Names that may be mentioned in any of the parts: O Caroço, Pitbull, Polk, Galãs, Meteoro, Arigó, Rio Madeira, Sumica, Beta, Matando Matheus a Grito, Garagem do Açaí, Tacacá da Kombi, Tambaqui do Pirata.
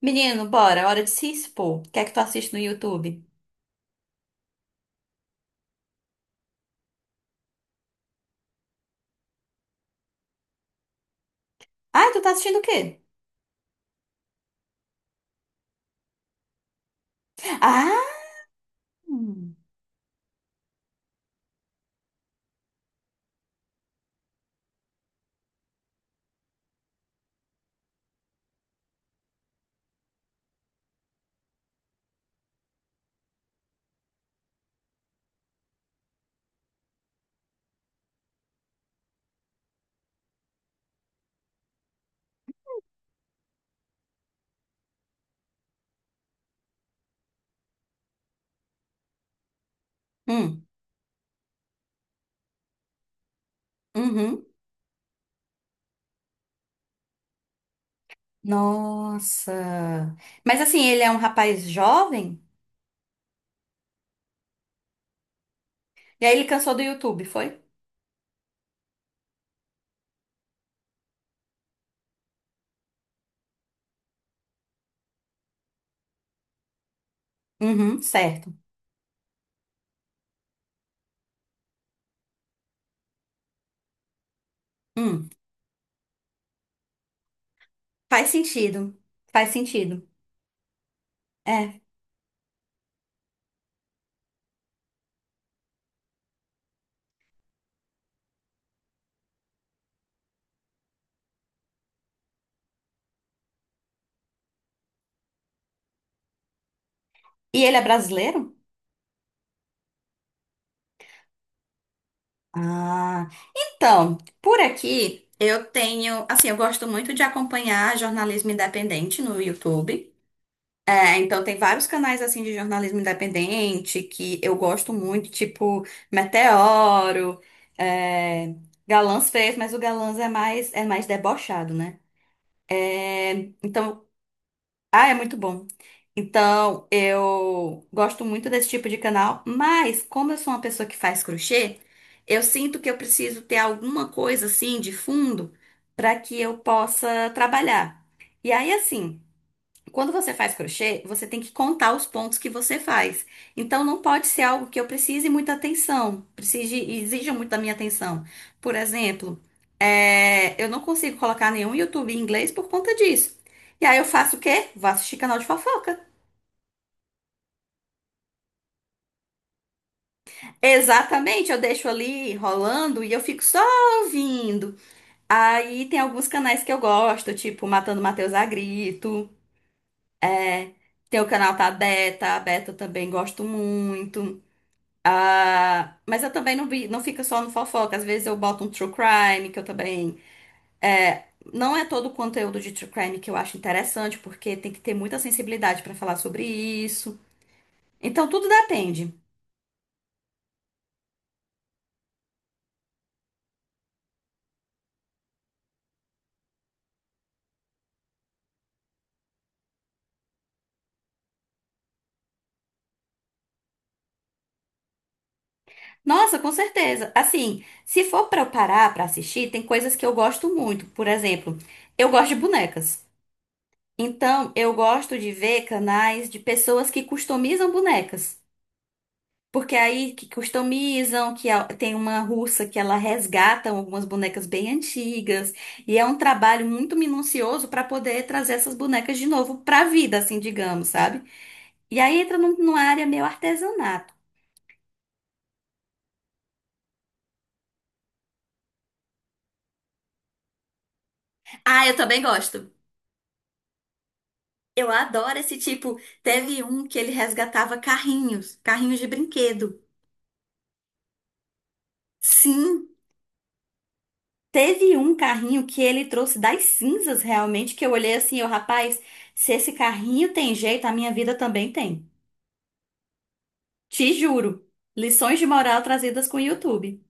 Menino, bora, hora de se expor. O que é que tu assiste no YouTube? Ah, tu tá assistindo o quê? Ah! Hum, uhum. Nossa! Mas assim, ele é um rapaz jovem? E aí ele cansou do YouTube, foi? Uhum, certo. Hum, faz sentido. Faz sentido. É. E ele é brasileiro? Ah, então, por aqui eu tenho, assim, eu gosto muito de acompanhar jornalismo independente no YouTube. É, então tem vários canais assim de jornalismo independente que eu gosto muito, tipo Meteoro, é, Galãs fez, mas o Galãs é mais debochado, né? É, então, ah, é muito bom. Então, eu gosto muito desse tipo de canal, mas como eu sou uma pessoa que faz crochê, eu sinto que eu preciso ter alguma coisa assim de fundo para que eu possa trabalhar. E aí assim, quando você faz crochê, você tem que contar os pontos que você faz. Então, não pode ser algo que eu precise muita atenção, precise, exija muito da minha atenção. Por exemplo, eu não consigo colocar nenhum YouTube em inglês por conta disso. E aí eu faço o quê? Vou assistir canal de fofoca. Exatamente, eu deixo ali rolando e eu fico só ouvindo. Aí tem alguns canais que eu gosto, tipo Matando Matheus a Grito. Tem o canal da Beta, a Beta eu também gosto muito. Mas eu também não, vi, não fica só no fofoca. Às vezes eu boto um true crime, que eu também. é, não é todo o conteúdo de true crime que eu acho interessante, porque tem que ter muita sensibilidade pra falar sobre isso. Então tudo depende. Nossa, com certeza. Assim, se for pra eu parar pra assistir, tem coisas que eu gosto muito. Por exemplo, eu gosto de bonecas. Então eu gosto de ver canais de pessoas que customizam bonecas. Porque aí que customizam, tem uma russa que ela resgata algumas bonecas bem antigas, e é um trabalho muito minucioso para poder trazer essas bonecas de novo para a vida, assim, digamos, sabe? E aí entra numa área meio artesanato. Ah, eu também gosto. Eu adoro esse tipo. Teve um que ele resgatava carrinhos, carrinhos de brinquedo. Sim, teve um carrinho que ele trouxe das cinzas, realmente, que eu olhei assim, eu, rapaz, se esse carrinho tem jeito, a minha vida também tem. Te juro. Lições de moral trazidas com o YouTube.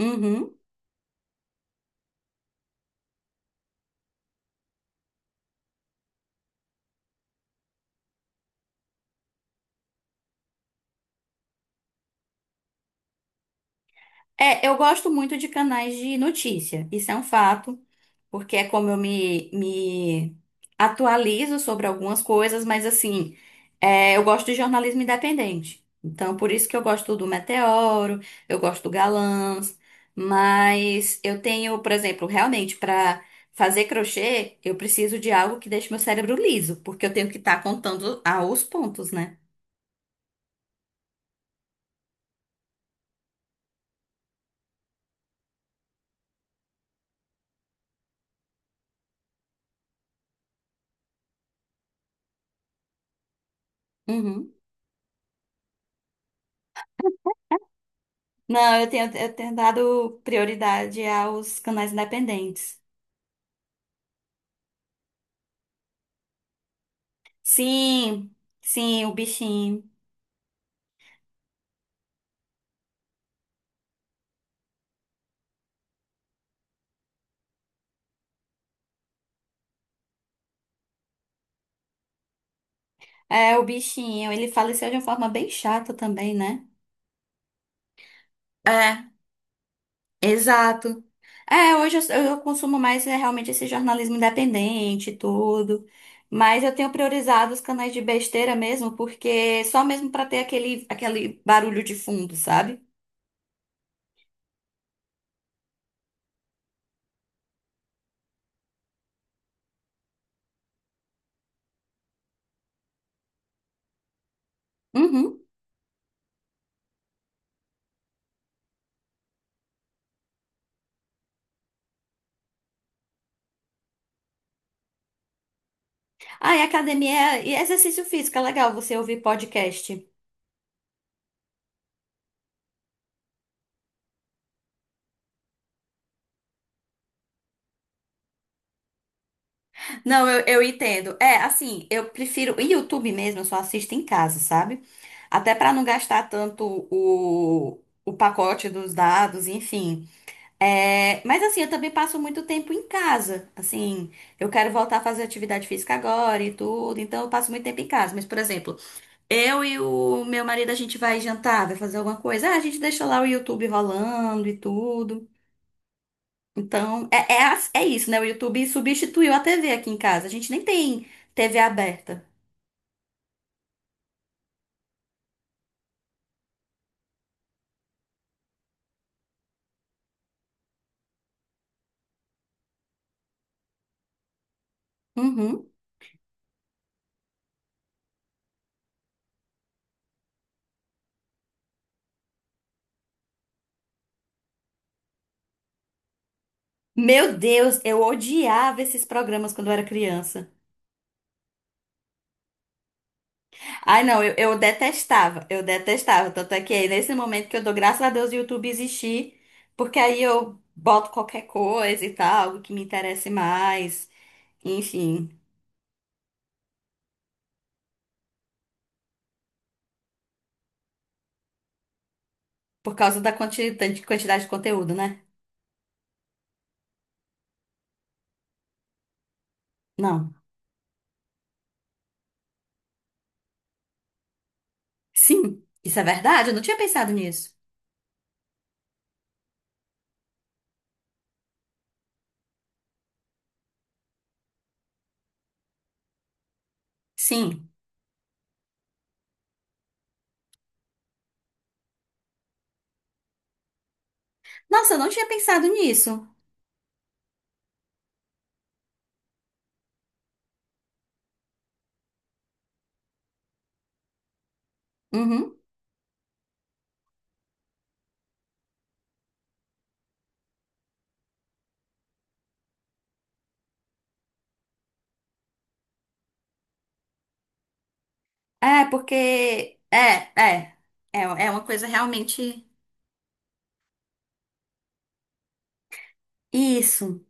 Uhum. É, eu gosto muito de canais de notícia. Isso é um fato, porque é como eu me atualizo sobre algumas coisas, mas assim, é, eu gosto de jornalismo independente. Então, por isso que eu gosto do Meteoro, eu gosto do Galãs, mas eu tenho, por exemplo, realmente para fazer crochê, eu preciso de algo que deixe meu cérebro liso, porque eu tenho que estar contando aos pontos, né? Uhum. Não, eu tenho dado prioridade aos canais independentes. Sim, sim, o bichinho. É, o bichinho. Ele faleceu de uma forma bem chata também, né? É, exato. É, hoje eu consumo mais é, realmente esse jornalismo independente e tudo. Mas eu tenho priorizado os canais de besteira mesmo, porque só mesmo pra ter aquele, aquele barulho de fundo, sabe? Uhum. Ah, e academia e exercício físico, é legal você ouvir podcast. Não, eu entendo. É, assim, eu prefiro. E YouTube mesmo, eu só assisto em casa, sabe? Até pra não gastar tanto o pacote dos dados, enfim. É, mas assim, eu também passo muito tempo em casa. Assim, eu quero voltar a fazer atividade física agora e tudo, então eu passo muito tempo em casa. Mas, por exemplo, eu e o meu marido, a gente vai jantar, vai fazer alguma coisa. Ah, a gente deixa lá o YouTube rolando e tudo. Então, é isso, né? O YouTube substituiu a TV aqui em casa. A gente nem tem TV aberta. Uhum. Meu Deus, eu odiava esses programas quando eu era criança. Ai, não, eu detestava, eu detestava. Tanto é que é nesse momento que eu dou graças a Deus o YouTube existir, porque aí eu boto qualquer coisa e tal, algo que me interesse mais. Enfim, por causa da quantidade de conteúdo, né? Não. Sim, isso é verdade, eu não tinha pensado nisso. Sim. Nossa, eu não tinha pensado nisso. Uhum. É, porque. É, é. É, é uma coisa realmente. Isso.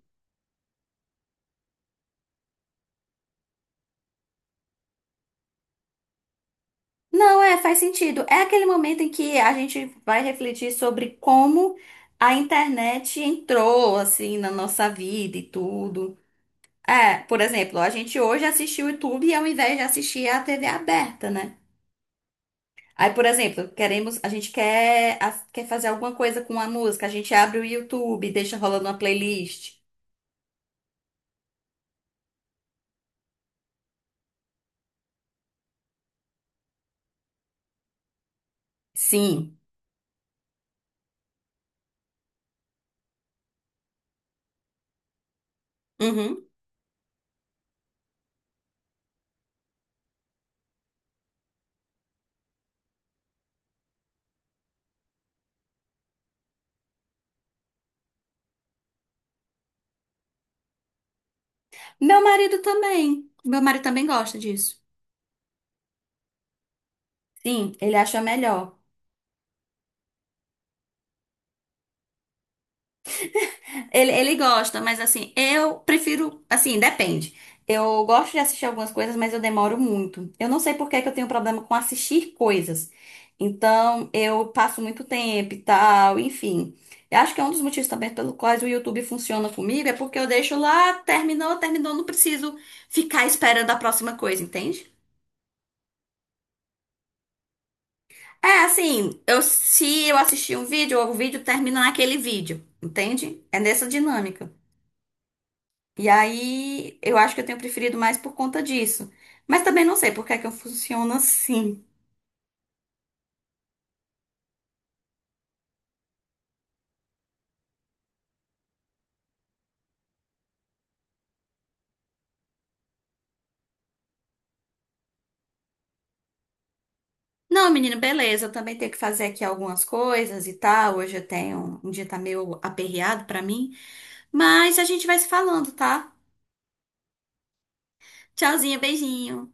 Não, é, faz sentido. É aquele momento em que a gente vai refletir sobre como a internet entrou, assim, na nossa vida e tudo. É, por exemplo, a gente hoje assiste o YouTube ao invés de assistir a TV aberta, né? Aí, por exemplo, queremos, a gente quer, a- quer fazer alguma coisa com a música, a gente abre o YouTube, deixa rolando uma playlist. Sim. Uhum. Meu marido também. Meu marido também gosta disso. Sim, ele acha melhor. Ele gosta, mas assim, eu prefiro. Assim, depende. Eu gosto de assistir algumas coisas, mas eu demoro muito. Eu não sei por que que eu tenho problema com assistir coisas. Então, eu passo muito tempo e tal, enfim. Eu acho que é um dos motivos também pelo quais o YouTube funciona comigo, é porque eu deixo lá, terminou, terminou, não preciso ficar esperando a próxima coisa, entende? É assim, eu, se eu assistir um vídeo, o vídeo termina naquele vídeo, entende? É nessa dinâmica. E aí, eu acho que eu tenho preferido mais por conta disso. Mas também não sei por que é que eu funciono assim. Não, menina, beleza, eu também tenho que fazer aqui algumas coisas e tal. Hoje eu tenho um dia tá meio aperreado pra mim, mas a gente vai se falando, tá? Tchauzinho, beijinho.